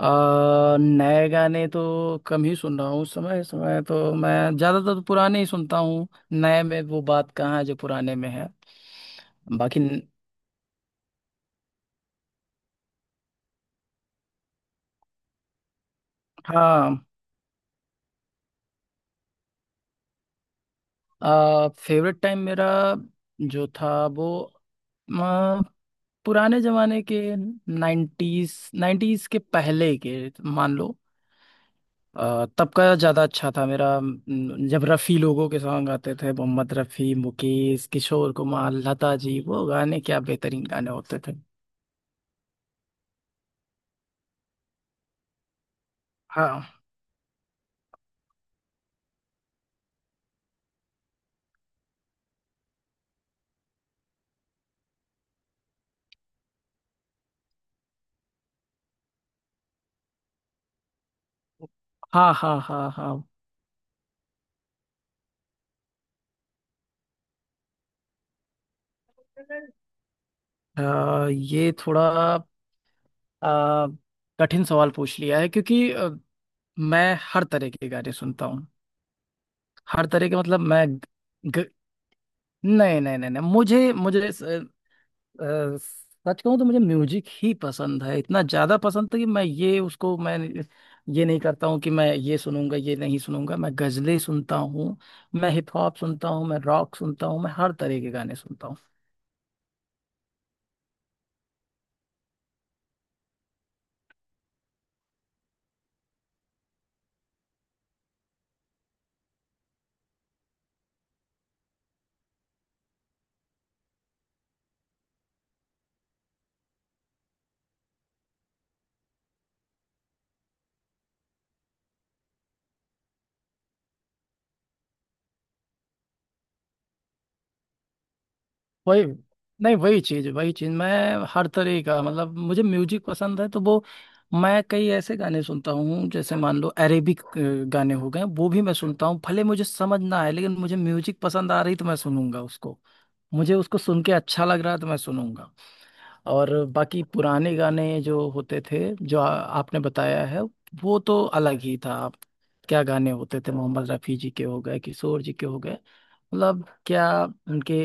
नए गाने तो कम ही सुन रहा हूँ उस समय। इस समय तो मैं ज्यादातर तो पुराने ही सुनता हूँ। नए में वो बात कहाँ है जो पुराने में है। बाकी। हाँ। फेवरेट टाइम मेरा जो था वो आ, पुराने जमाने के 90s। नाइन्टीज के पहले के मान लो। तब का ज्यादा अच्छा था मेरा जब रफ़ी लोगों के सॉन्ग आते थे। मोहम्मद रफ़ी, मुकेश, किशोर कुमार, लता जी, वो गाने क्या बेहतरीन गाने होते थे। हाँ हाँ हाँ हाँ। हाँ, ये थोड़ा अ, कठिन सवाल पूछ लिया है, क्योंकि मैं हर तरह के गाने सुनता हूँ। हर तरह के मतलब मैं ग, नहीं नहीं नहीं नहीं, मुझे मुझे अ, सच कहूँ तो मुझे म्यूजिक ही पसंद है। इतना ज्यादा पसंद था कि मैं ये उसको मैं ये नहीं करता हूँ कि मैं ये सुनूंगा ये नहीं सुनूंगा। मैं गजलें सुनता हूँ, मैं हिप हॉप सुनता हूँ, मैं रॉक सुनता हूँ, मैं हर तरह के गाने सुनता हूँ। वही नहीं, वही चीज, वही चीज मैं हर तरह का मतलब मुझे म्यूजिक पसंद है तो वो मैं कई ऐसे गाने सुनता हूँ। जैसे मान लो अरेबिक गाने हो गए, वो भी मैं सुनता हूँ। भले मुझे समझ ना आए, लेकिन मुझे म्यूजिक पसंद आ रही तो मैं सुनूंगा उसको। मुझे उसको सुन के अच्छा लग रहा है तो मैं सुनूंगा। और बाकी पुराने गाने जो होते थे, जो आपने बताया है, वो तो अलग ही था। आप क्या गाने होते थे! मोहम्मद रफी जी के हो गए, किशोर जी के हो गए, मतलब क्या उनके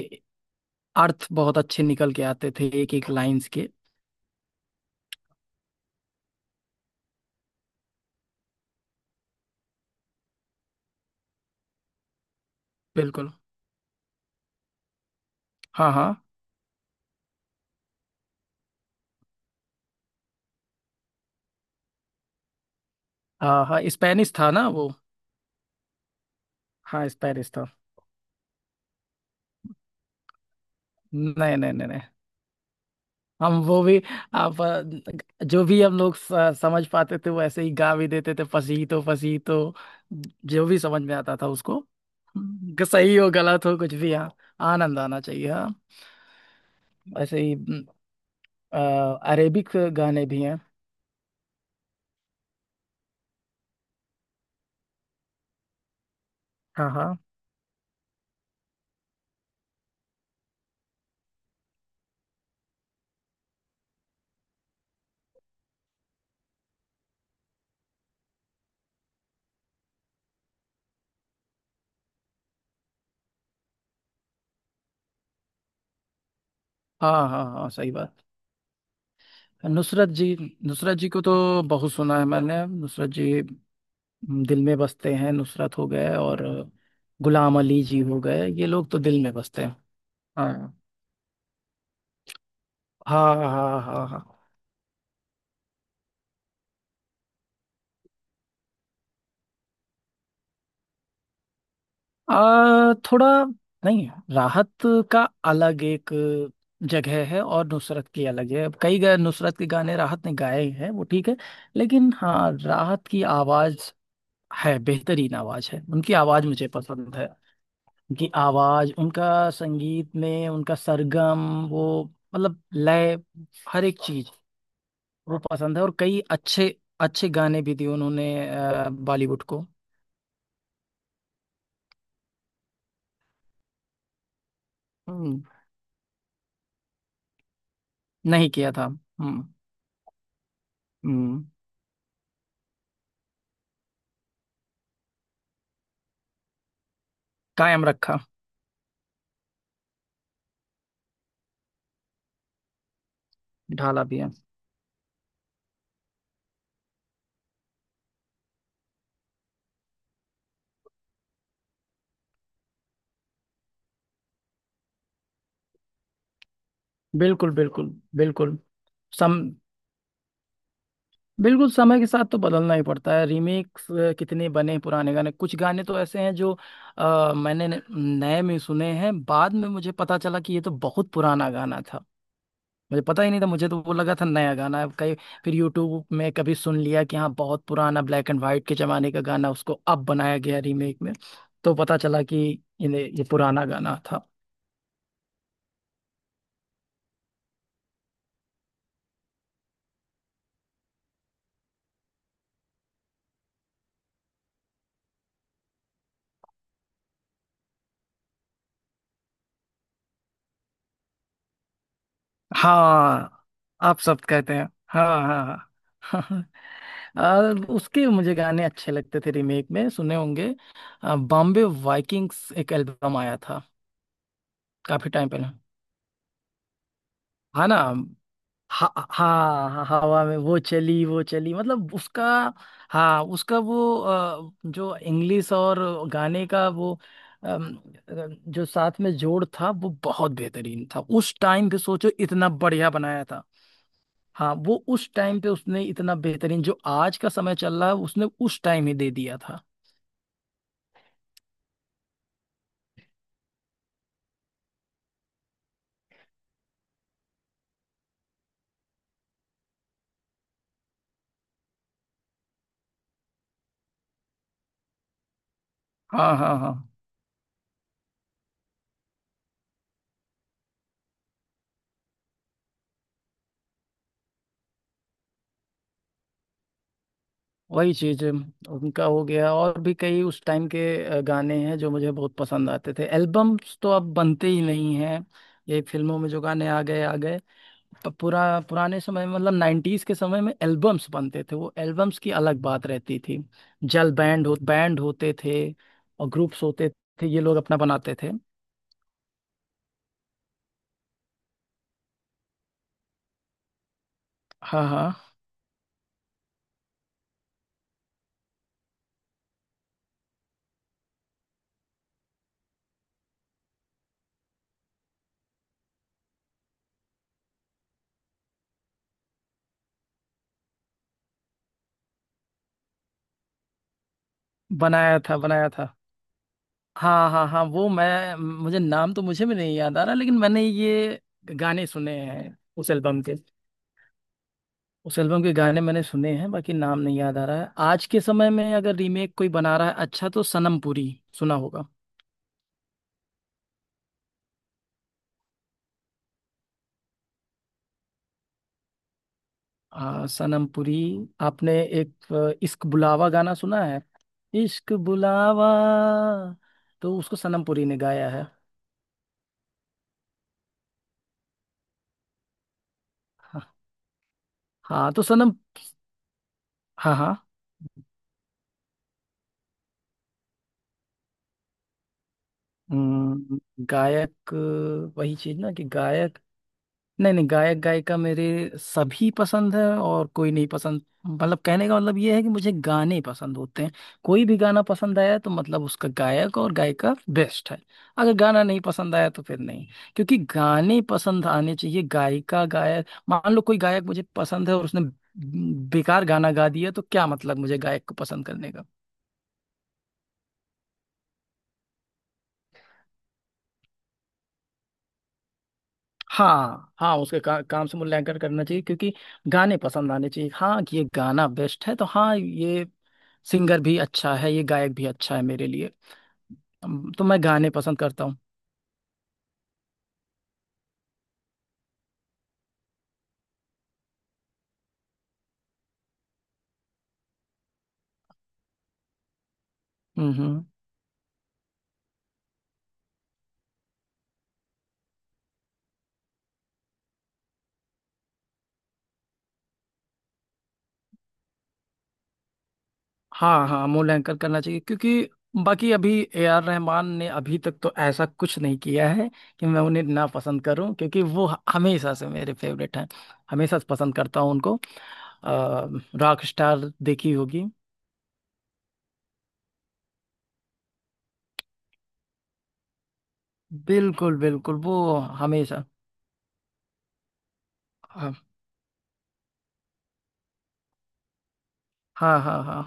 अर्थ बहुत अच्छे निकल के आते थे एक एक लाइंस के। बिल्कुल। हाँ हाँ हाँ हाँ। स्पेनिश था ना वो। हाँ, स्पेनिश था। नहीं नहीं नहीं नहीं, हम वो भी। आप जो भी हम लोग समझ पाते थे वो ऐसे ही गा भी देते थे, पसीतो पसीतो। जो भी समझ में आता था उसको। सही हो गलत हो कुछ भी, हाँ। आनंद आना चाहिए, हाँ। ऐसे ही। अरेबिक गाने भी हैं। हाँ हाँ हाँ हाँ। हाँ, सही बात। नुसरत जी। नुसरत जी को तो बहुत सुना है मैंने। नुसरत जी दिल में बसते हैं। नुसरत हो गए और गुलाम अली जी हो गए, ये लोग तो दिल में बसते हैं। हाँ हाँ हाँ हाँ। हाँ, थोड़ा नहीं, राहत का अलग एक जगह है और नुसरत की अलग है। कई गए नुसरत के गाने राहत ने गाए हैं, वो ठीक है। लेकिन हाँ, राहत की आवाज है, बेहतरीन आवाज है उनकी। आवाज मुझे पसंद है, उनकी आवाज, उनका संगीत में उनका सरगम वो मतलब लय, हर एक चीज वो पसंद है। और कई अच्छे अच्छे गाने भी दिए उन्होंने बॉलीवुड को। हम्म। नहीं किया था। हम्म। हम्म। कायम रखा। ढाला भी है। बिल्कुल बिल्कुल बिल्कुल। सम बिल्कुल समय के साथ तो बदलना ही पड़ता है। रीमेक्स कितने बने पुराने गाने! कुछ गाने तो ऐसे हैं जो मैंने नए में सुने हैं, बाद में मुझे पता चला कि ये तो बहुत पुराना गाना था। मुझे पता ही नहीं था, मुझे तो वो लगा था नया गाना है कहीं। फिर यूट्यूब में कभी सुन लिया कि हाँ, बहुत पुराना ब्लैक एंड वाइट के जमाने का गाना, उसको अब बनाया गया रीमेक में। तो पता चला कि ये पुराना गाना था। हाँ, आप सब कहते हैं, हाँ हाँ हाँ। आ, उसके मुझे गाने अच्छे लगते थे, रीमेक में सुने होंगे। बॉम्बे वाइकिंग्स एक एल्बम आया था, काफी टाइम पहले, है ना। हाँ हाँ हाँ, हवा में वो चली मतलब उसका। हाँ, उसका वो जो इंग्लिश और गाने का वो अम, जो साथ में जोड़ था वो बहुत बेहतरीन था। उस टाइम पे सोचो, इतना बढ़िया बनाया था! हाँ, वो उस टाइम पे उसने इतना बेहतरीन, जो आज का समय चल रहा है, उसने उस टाइम ही दे दिया था। हाँ हाँ हाँ। वही चीज उनका हो गया, और भी कई उस टाइम के गाने हैं जो मुझे बहुत पसंद आते थे। एल्बम्स तो अब बनते ही नहीं हैं, ये फिल्मों में जो गाने आ गए आ गए। पुराने समय में, मतलब 90s के समय में एल्बम्स बनते थे, वो एल्बम्स की अलग बात रहती थी। जल बैंड हो बैंड होते थे और ग्रुप्स होते थे, ये लोग अपना बनाते थे। हाँ हाँ। बनाया था, बनाया था। हाँ हाँ हाँ, वो मैं मुझे नाम तो मुझे भी नहीं याद आ रहा, लेकिन मैंने ये गाने सुने हैं उस एल्बम के। उस एल्बम के गाने मैंने सुने हैं, बाकी नाम नहीं याद आ रहा है। आज के समय में अगर रीमेक कोई बना रहा है अच्छा तो सनम पुरी, सुना होगा। सनम पुरी। आपने एक इश्क बुलावा गाना सुना है? इश्क बुलावा, तो उसको सनम पुरी ने गाया है। हाँ। हाँ, तो सनम। हाँ हाँ। हम्म, गायक वही चीज ना कि गायक। नहीं नहीं, गायक गायिका मेरे सभी पसंद है और कोई नहीं पसंद, मतलब कहने का मतलब ये है कि मुझे गाने पसंद होते हैं। कोई भी गाना पसंद आया तो मतलब उसका गायक और गायिका बेस्ट है। अगर गाना नहीं पसंद आया तो फिर नहीं। क्योंकि गाने पसंद आने चाहिए, गायिका गायक। मान लो कोई गायक मुझे पसंद है और उसने बेकार गाना गा दिया तो क्या मतलब मुझे गायक को पसंद करने का? हाँ हाँ, उसके काम से मूल्यांकन करना चाहिए, क्योंकि गाने पसंद आने चाहिए। हाँ, ये गाना बेस्ट है तो हाँ, ये सिंगर भी अच्छा है, ये गायक भी अच्छा है मेरे लिए। तो मैं गाने पसंद करता हूँ। हम्म हम्म। हाँ हाँ, मूल्यांकन करना चाहिए, क्योंकि बाकी अभी AR रहमान ने अभी तक तो ऐसा कुछ नहीं किया है कि मैं उन्हें ना पसंद करूं। क्योंकि वो हमेशा से मेरे फेवरेट हैं, हमेशा से पसंद करता हूं उनको। रॉक स्टार देखी होगी। बिल्कुल बिल्कुल वो हमेशा। हाँ। हाँ हाँ हाँ।